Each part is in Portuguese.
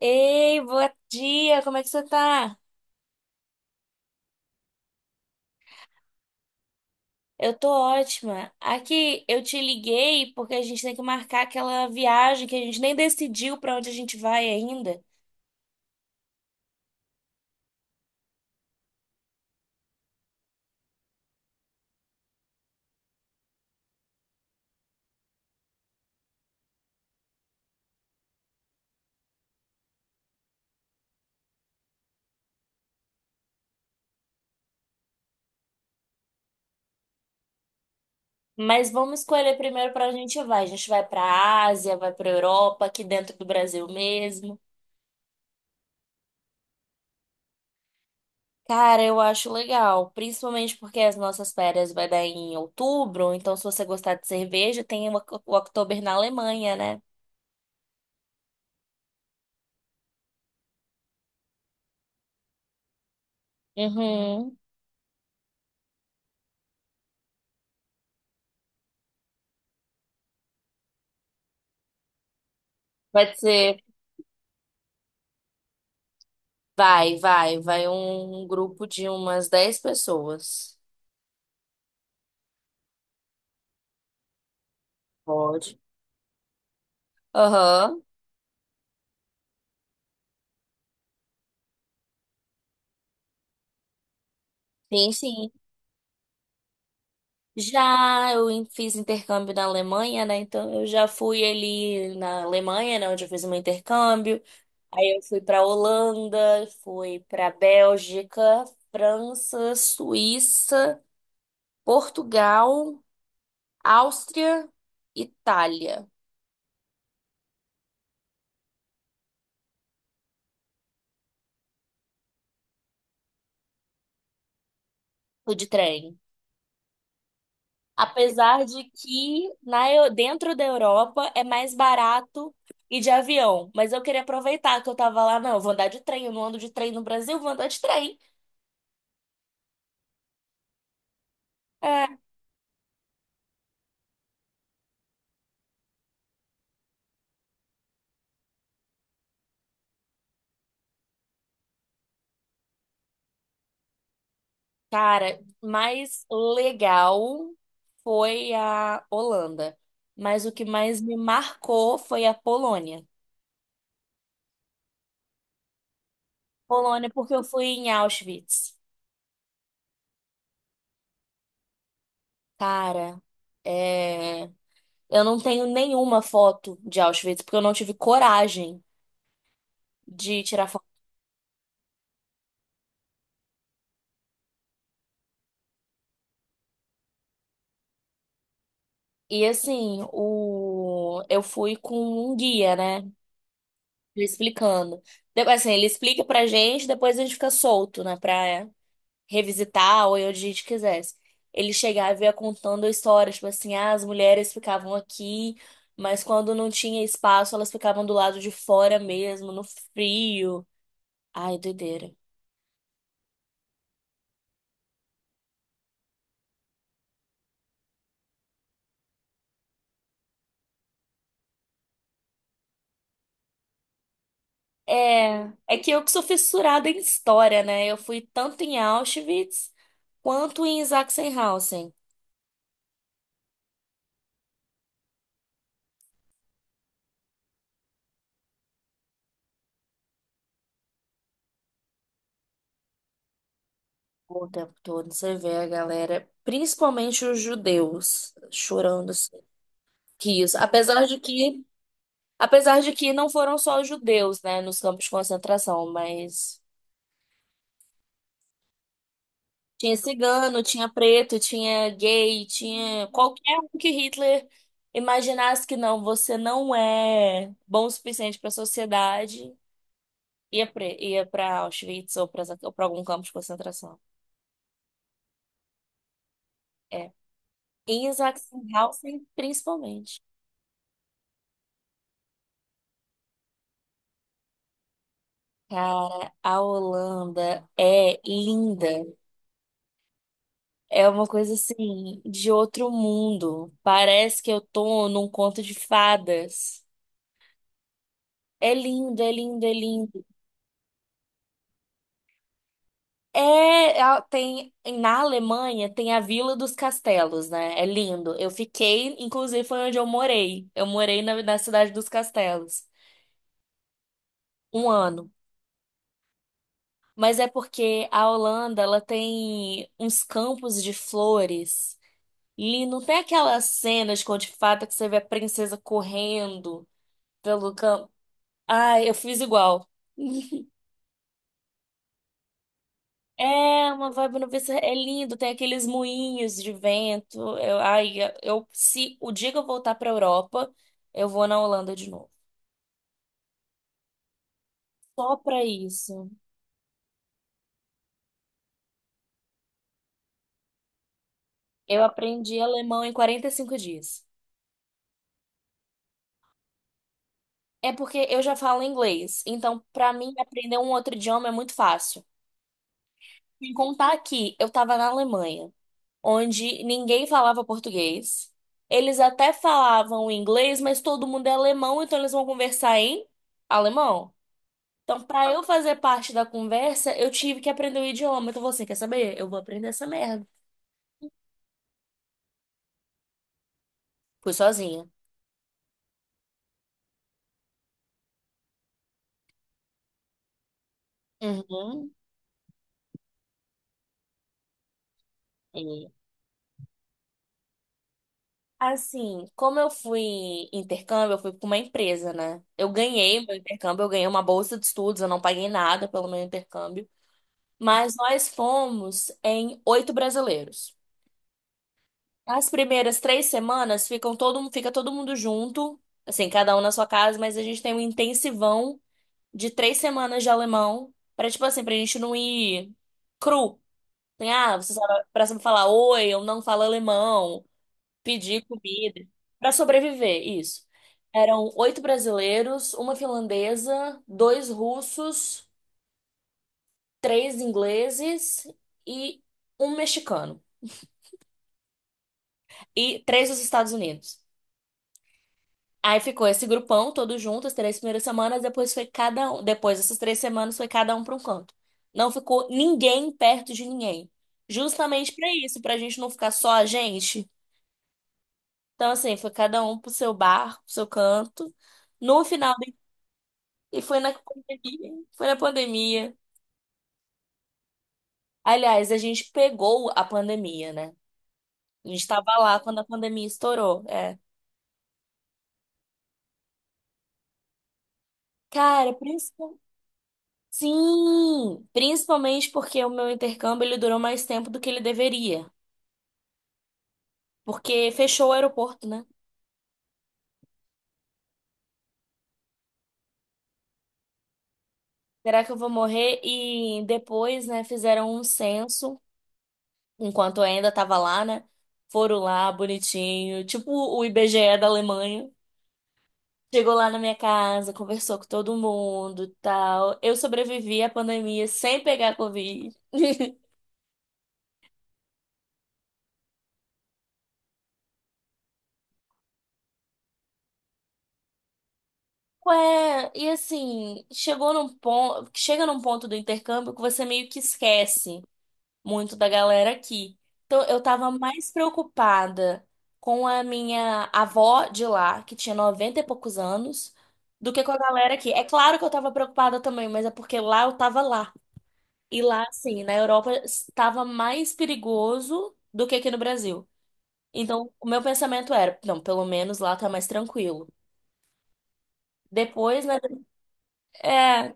Ei, bom dia, como é que você tá? Eu tô ótima. Aqui, eu te liguei porque a gente tem que marcar aquela viagem que a gente nem decidiu pra onde a gente vai ainda. Mas vamos escolher primeiro pra onde a gente vai. A gente vai pra Ásia, vai pra Europa, aqui dentro do Brasil mesmo. Cara, eu acho legal, principalmente porque as nossas férias vai dar em outubro, então se você gostar de cerveja, tem o Oktober na Alemanha, né? Uhum. Vai ser vai um grupo de umas 10 pessoas. Pode. Aham. Sim, sim. Já eu fiz intercâmbio na Alemanha, né? Então eu já fui ali na Alemanha, né, onde eu fiz o meu intercâmbio. Aí eu fui para Holanda, fui para Bélgica, França, Suíça, Portugal, Áustria, Itália. Fui de trem. Apesar de que dentro da Europa é mais barato ir de avião. Mas eu queria aproveitar que eu tava lá, não, eu vou andar de trem, eu não ando de trem no Brasil, eu vou andar de trem. É, cara, mais legal foi a Holanda. Mas o que mais me marcou foi a Polônia. Polônia, porque eu fui em Auschwitz. Cara, é, eu não tenho nenhuma foto de Auschwitz, porque eu não tive coragem de tirar foto. E assim, eu fui com um guia, né? Me explicando. Assim, ele explica pra gente, depois a gente fica solto, né? Pra revisitar ou ir onde a gente quisesse. Ele chegava e ia contando histórias, tipo assim, ah, as mulheres ficavam aqui, mas quando não tinha espaço, elas ficavam do lado de fora mesmo, no frio. Ai, doideira. É, é que eu que sou fissurada em história, né? Eu fui tanto em Auschwitz quanto em Sachsenhausen. O tempo todo você vê a galera, principalmente os judeus, chorando assim, isso. Apesar de que não foram só os judeus, né, nos campos de concentração, mas tinha cigano, tinha preto, tinha gay, tinha qualquer um que Hitler imaginasse que não, você não é bom o suficiente para a sociedade, ia para Auschwitz ou para algum campo de concentração. É. Em Sachsenhausen, principalmente. Cara, a Holanda é linda. É uma coisa assim de outro mundo. Parece que eu tô num conto de fadas. É lindo, é lindo, é lindo. É, a- tem na Alemanha tem a Vila dos Castelos, né? É lindo. Eu fiquei, inclusive foi onde eu morei. Eu morei na cidade dos Castelos um ano. Mas é porque a Holanda, ela tem uns campos de flores. Não tem aquelas cenas com de fato que você vê a princesa correndo pelo campo. Ai, eu fiz igual. É uma vibe no PC, é lindo, tem aqueles moinhos de vento. Eu, ai, eu se o dia que eu voltar pra Europa, eu vou na Holanda de novo. Só pra isso. Eu aprendi alemão em 45 dias. É porque eu já falo inglês, então pra mim aprender um outro idioma é muito fácil. Sem contar que eu tava na Alemanha, onde ninguém falava português. Eles até falavam inglês, mas todo mundo é alemão, então eles vão conversar em alemão. Então, para eu fazer parte da conversa, eu tive que aprender o idioma. Então, você quer saber? Eu vou aprender essa merda. Fui sozinha. Uhum. E, assim, como eu fui em intercâmbio, eu fui com uma empresa, né? Eu ganhei meu intercâmbio, eu ganhei uma bolsa de estudos, eu não paguei nada pelo meu intercâmbio. Mas nós fomos em oito brasileiros. As primeiras 3 semanas fica todo mundo junto, assim, cada um na sua casa, mas a gente tem um intensivão de 3 semanas de alemão pra tipo assim, pra gente não ir cru. Tem, ah, você sabe, pra sempre falar oi, eu não falo alemão, pedir comida, pra sobreviver, isso. Eram oito brasileiros, uma finlandesa, dois russos, três ingleses e um mexicano. E três dos Estados Unidos. Aí ficou esse grupão todo junto, as 3 primeiras semanas, depois foi cada um. Depois dessas 3 semanas foi cada um para um canto. Não ficou ninguém perto de ninguém. Justamente para isso, para a gente não ficar só a gente. Então, assim, foi cada um pro seu bar, pro seu canto. No final, e foi na pandemia. Foi na pandemia. Aliás, a gente pegou a pandemia, né? A gente tava lá quando a pandemia estourou. É. Cara, sim, principalmente porque o meu intercâmbio ele durou mais tempo do que ele deveria, porque fechou o aeroporto, né? Será que eu vou morrer? E depois, né, fizeram um censo, enquanto eu ainda tava lá, né? Foram lá, bonitinho, tipo o IBGE da Alemanha. Chegou lá na minha casa, conversou com todo mundo, tal. Eu sobrevivi à pandemia sem pegar Covid. Ué, e assim, chegou num ponto, chega num ponto do intercâmbio que você meio que esquece muito da galera aqui. Então, eu tava mais preocupada com a minha avó de lá, que tinha 90 e poucos anos, do que com a galera aqui. É claro que eu tava preocupada também, mas é porque lá eu tava lá. E lá, assim, na Europa, estava mais perigoso do que aqui no Brasil. Então, o meu pensamento era, não, pelo menos lá tá mais tranquilo. Depois, né? É,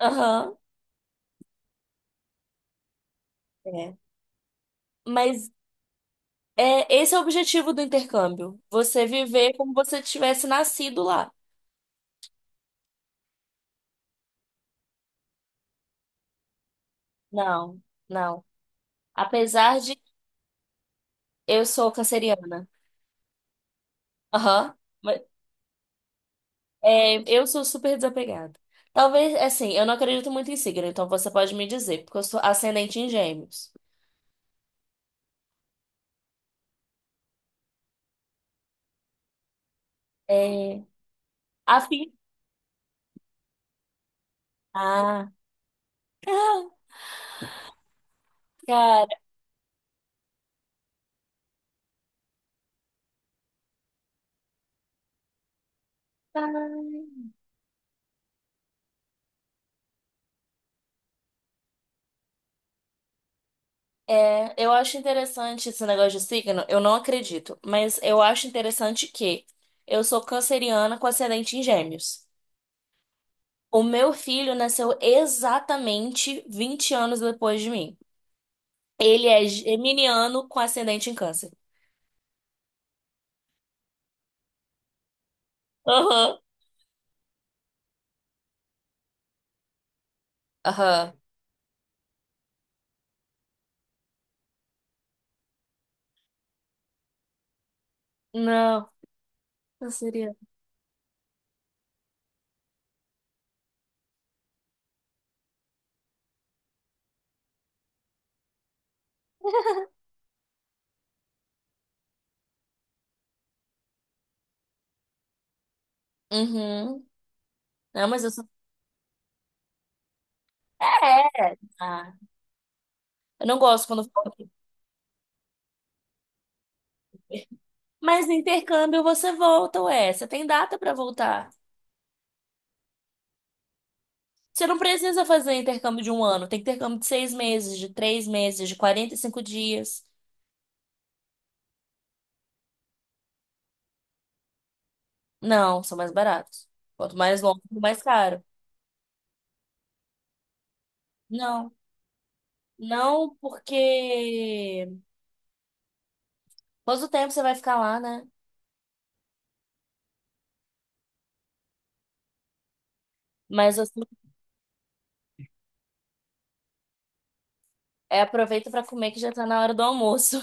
aham, é. Mas é, esse é o objetivo do intercâmbio. Você viver como você tivesse nascido lá. Não, não. Apesar de eu sou canceriana. Aham. Mas, é, eu sou super desapegada. Talvez, assim, eu não acredito muito em signo, então você pode me dizer, porque eu sou ascendente em gêmeos. É, afim. Ah, ah, cara. Ah. É, eu acho interessante esse negócio de signo, eu não acredito, mas eu acho interessante que eu sou canceriana com ascendente em gêmeos. O meu filho nasceu exatamente 20 anos depois de mim. Ele é geminiano com ascendente em câncer. Aham. Aham. Não, canceriano. Uhum. Não, mas eu sou. É. Ah, eu não gosto quando falo. Mas no intercâmbio você volta, ué. Você tem data pra voltar. Você não precisa fazer intercâmbio de um ano. Tem intercâmbio de 6 meses, de 3 meses, de 45 dias. Não, são mais baratos. Quanto mais longo, mais caro. Não. Não, porque. Quanto tempo você vai ficar lá, né? Mas assim. É, aproveita pra comer que já tá na hora do almoço.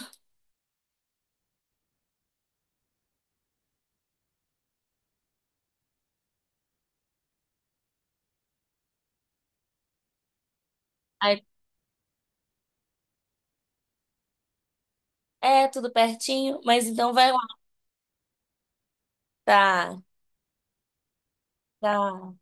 Aí, é, tudo pertinho, mas então vai lá. Tá, tá.